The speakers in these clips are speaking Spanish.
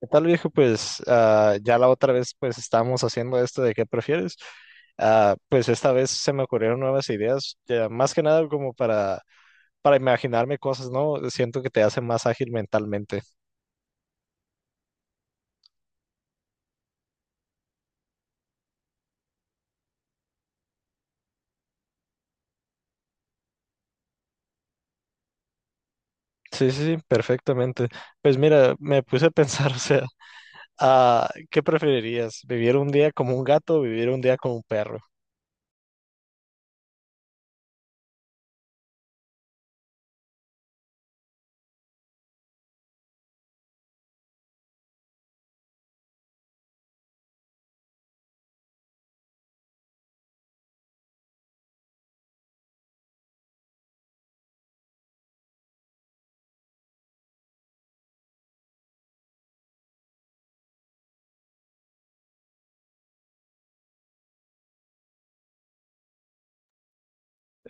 ¿Qué tal, viejo? Pues ya la otra vez pues estábamos haciendo esto de qué prefieres. Ah, pues esta vez se me ocurrieron nuevas ideas, ya más que nada como para imaginarme cosas, ¿no? Siento que te hace más ágil mentalmente. Sí, sí, sí, perfectamente. Pues mira, me puse a pensar, o sea, ¿qué preferirías? ¿Vivir un día como un gato o vivir un día como un perro?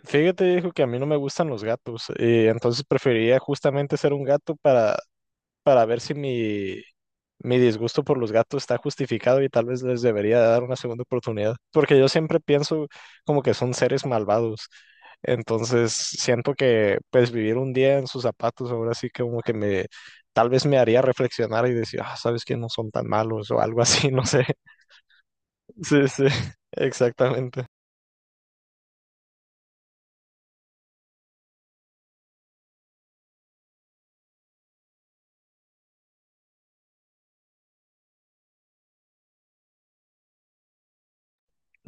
Fíjate, dijo que a mí no me gustan los gatos y entonces preferiría justamente ser un gato para ver si mi disgusto por los gatos está justificado y tal vez les debería dar una segunda oportunidad, porque yo siempre pienso como que son seres malvados. Entonces siento que pues vivir un día en sus zapatos ahora sí que como que me tal vez me haría reflexionar y decir, ah, sabes que no son tan malos o algo así, no sé. Sí, sí, exactamente.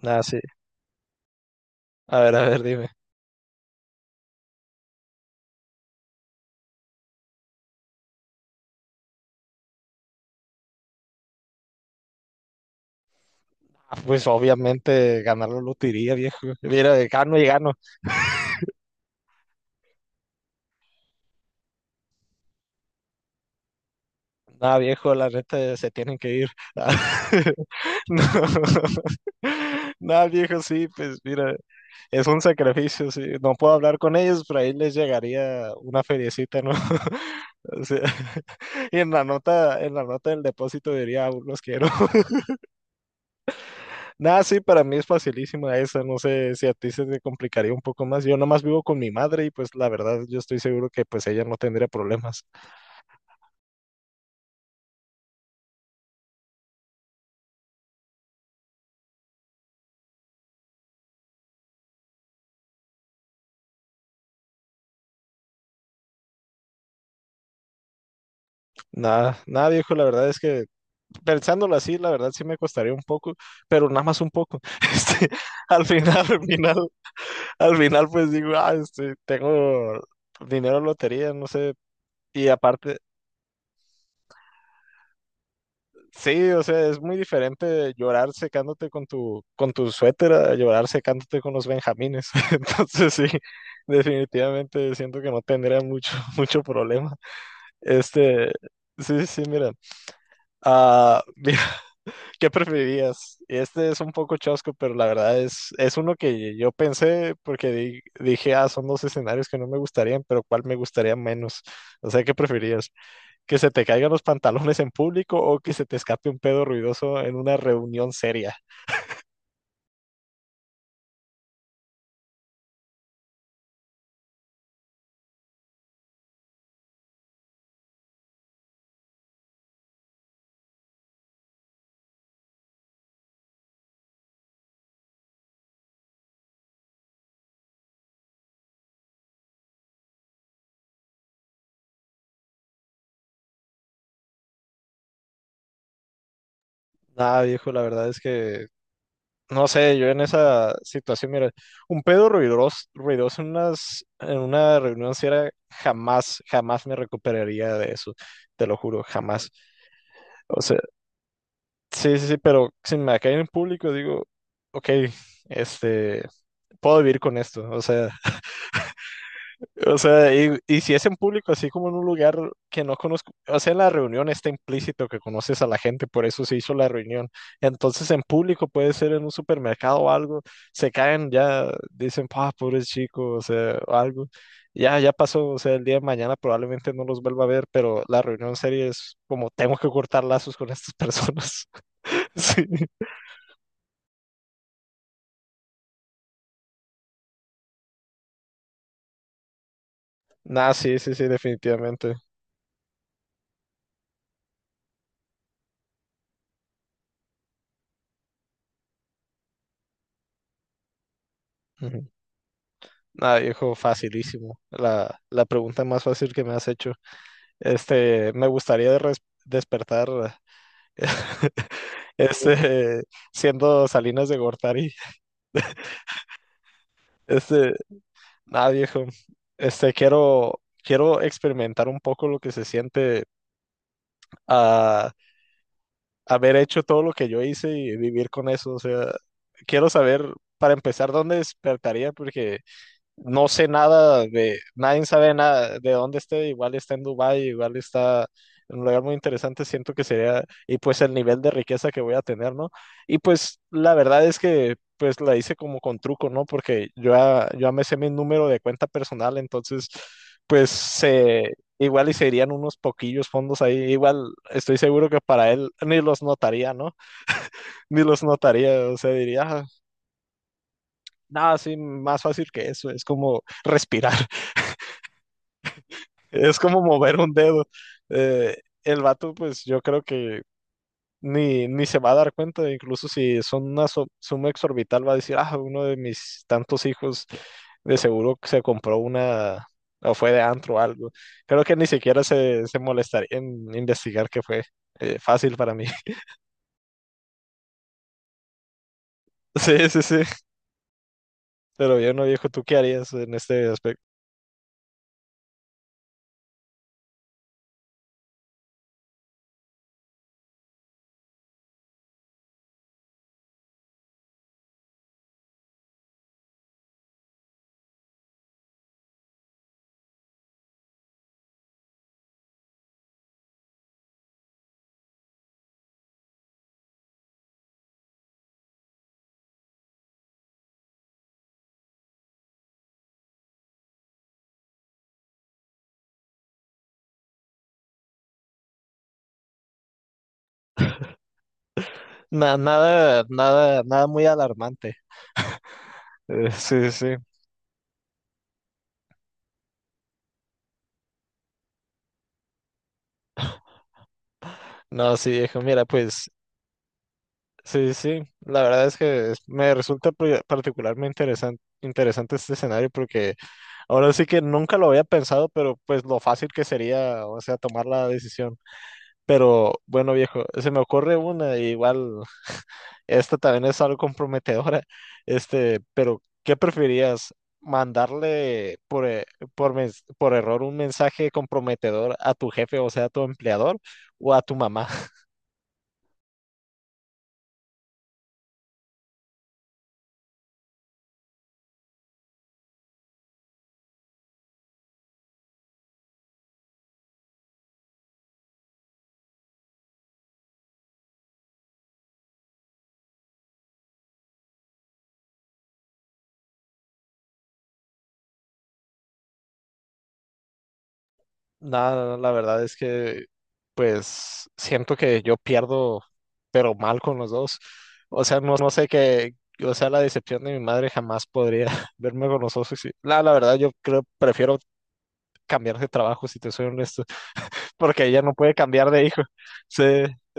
Ah, sí. A ver, dime. Ah, Pues obviamente ganar la lotería, viejo. Mira, gano y gano. Nada, viejo, la neta se tienen que ir. No. Nada, viejo, sí, pues mira, es un sacrificio, sí. No puedo hablar con ellos, pero ahí les llegaría una feriecita, ¿no? O sea, y en la nota del depósito diría, "Aún los quiero". Nada, sí, para mí es facilísima esa, no sé si a ti se te complicaría un poco más. Yo nomás vivo con mi madre y pues la verdad yo estoy seguro que pues ella no tendría problemas. Nada, nada, viejo, la verdad es que pensándolo así, la verdad sí me costaría un poco, pero nada más un poco. Este, al final, al final, al final, pues digo, ah, este, tengo dinero en lotería, no sé. Y aparte, sí, o sea, es muy diferente llorar secándote con tu suéter a llorar secándote con los benjamines. Entonces, sí, definitivamente siento que no tendría mucho problema. Este, sí, sí, mira. Ah, ¿qué preferirías? Este es un poco chosco, pero la verdad es uno que yo pensé porque dije, ah, son dos escenarios que no me gustarían, pero ¿cuál me gustaría menos? O sea, ¿qué preferirías? ¿Que se te caigan los pantalones en público o que se te escape un pedo ruidoso en una reunión seria? Nada, viejo, la verdad es que, no sé, yo en esa situación, mira, un pedo ruidoso en una reunión seria, jamás, jamás me recuperaría de eso, te lo juro, jamás. O sea, sí, sí, sí, pero si me cae en público, digo, ok, este, puedo vivir con esto, o sea, y si es en público, así como en un lugar que no conozco, o sea, en la reunión está implícito que conoces a la gente, por eso se hizo la reunión, entonces en público puede ser en un supermercado o algo, se caen ya, dicen, ah, pobre chico, o sea, o algo, ya pasó, o sea, el día de mañana probablemente no los vuelva a ver, pero la reunión seria es como, tengo que cortar lazos con estas personas, sí. Nah, sí, sí, sí, definitivamente. Ujú. Nah, viejo, facilísimo. La pregunta más fácil que me has hecho. Este, me gustaría despertar, este, siendo Salinas de Gortari. Este, nada, viejo. Este, quiero experimentar un poco lo que se siente a haber hecho todo lo que yo hice y vivir con eso. O sea, quiero saber, para empezar, dónde despertaría, porque no sé nada nadie sabe nada de dónde esté, igual está en Dubái, igual está en un lugar muy interesante, siento que sería, y pues el nivel de riqueza que voy a tener, ¿no? Y pues la verdad es que pues la hice como con truco, ¿no? Porque yo ya me sé mi número de cuenta personal, entonces pues se... Igual y se irían unos poquillos fondos ahí. Igual estoy seguro que para él ni los notaría, ¿no? Ni los notaría. O sea, diría, "Ah, nada, sí, más fácil que eso. Es como respirar". Es como mover un dedo. Eh, el vato, pues yo creo que ni se va a dar cuenta, incluso si son una suma exorbital, va a decir, ah, uno de mis tantos hijos de seguro que se compró una o fue de antro o algo. Creo que ni siquiera se molestaría en investigar qué fue. Fácil para mí. Sí, sí, sí. Pero yo no, viejo, ¿tú qué harías en este aspecto? Nada, nada, nada muy alarmante. Sí, sí. No, sí, viejo, mira, pues sí, sí, sí. La verdad es que me resulta particularmente interesante este escenario porque ahora sí que nunca lo había pensado, pero pues lo fácil que sería, o sea, tomar la decisión. Pero bueno, viejo, se me ocurre una, y igual esta también es algo comprometedora, este, pero ¿qué preferirías? ¿Mandarle por error un mensaje comprometedor a tu jefe, o sea, a tu empleador, o a tu mamá? Nada, la verdad es que pues siento que yo pierdo, pero mal con los dos. O sea, no sé qué, o sea, la decepción de mi madre jamás podría verme con los dos. Y sí. La verdad, yo creo, prefiero cambiar de trabajo, si te soy honesto, porque ella no puede cambiar de hijo. Sí,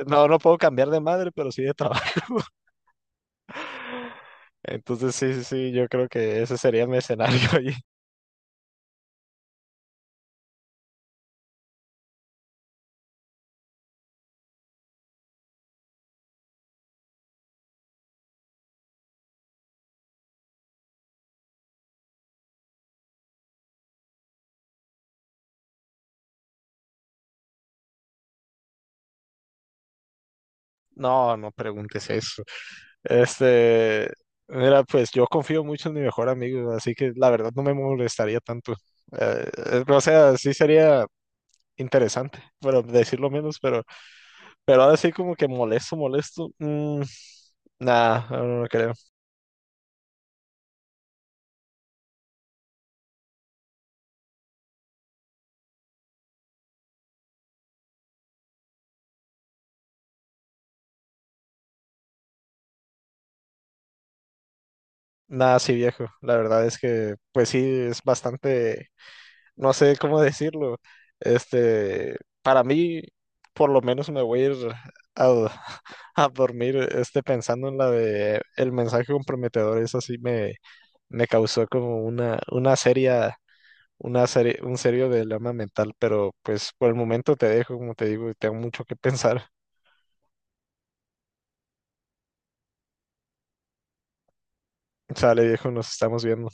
no, no puedo cambiar de madre, pero sí de trabajo. Entonces, sí, sí, sí, yo creo que ese sería mi escenario. Y... No, no preguntes eso. Este, mira, pues yo confío mucho en mi mejor amigo, así que la verdad no me molestaría tanto. O sea, sí sería interesante, pero decirlo menos, pero ahora sí como que molesto. Nada, no, no no creo. Nada, sí viejo. La verdad es que, pues sí, es bastante, no sé cómo decirlo. Este, para mí, por lo menos me voy a ir a, a dormir, este, pensando en la de el mensaje comprometedor, eso sí me causó como una, una serie, un serio dilema mental, pero pues por el momento te dejo, como te digo, tengo mucho que pensar. Sale, viejo, nos estamos viendo.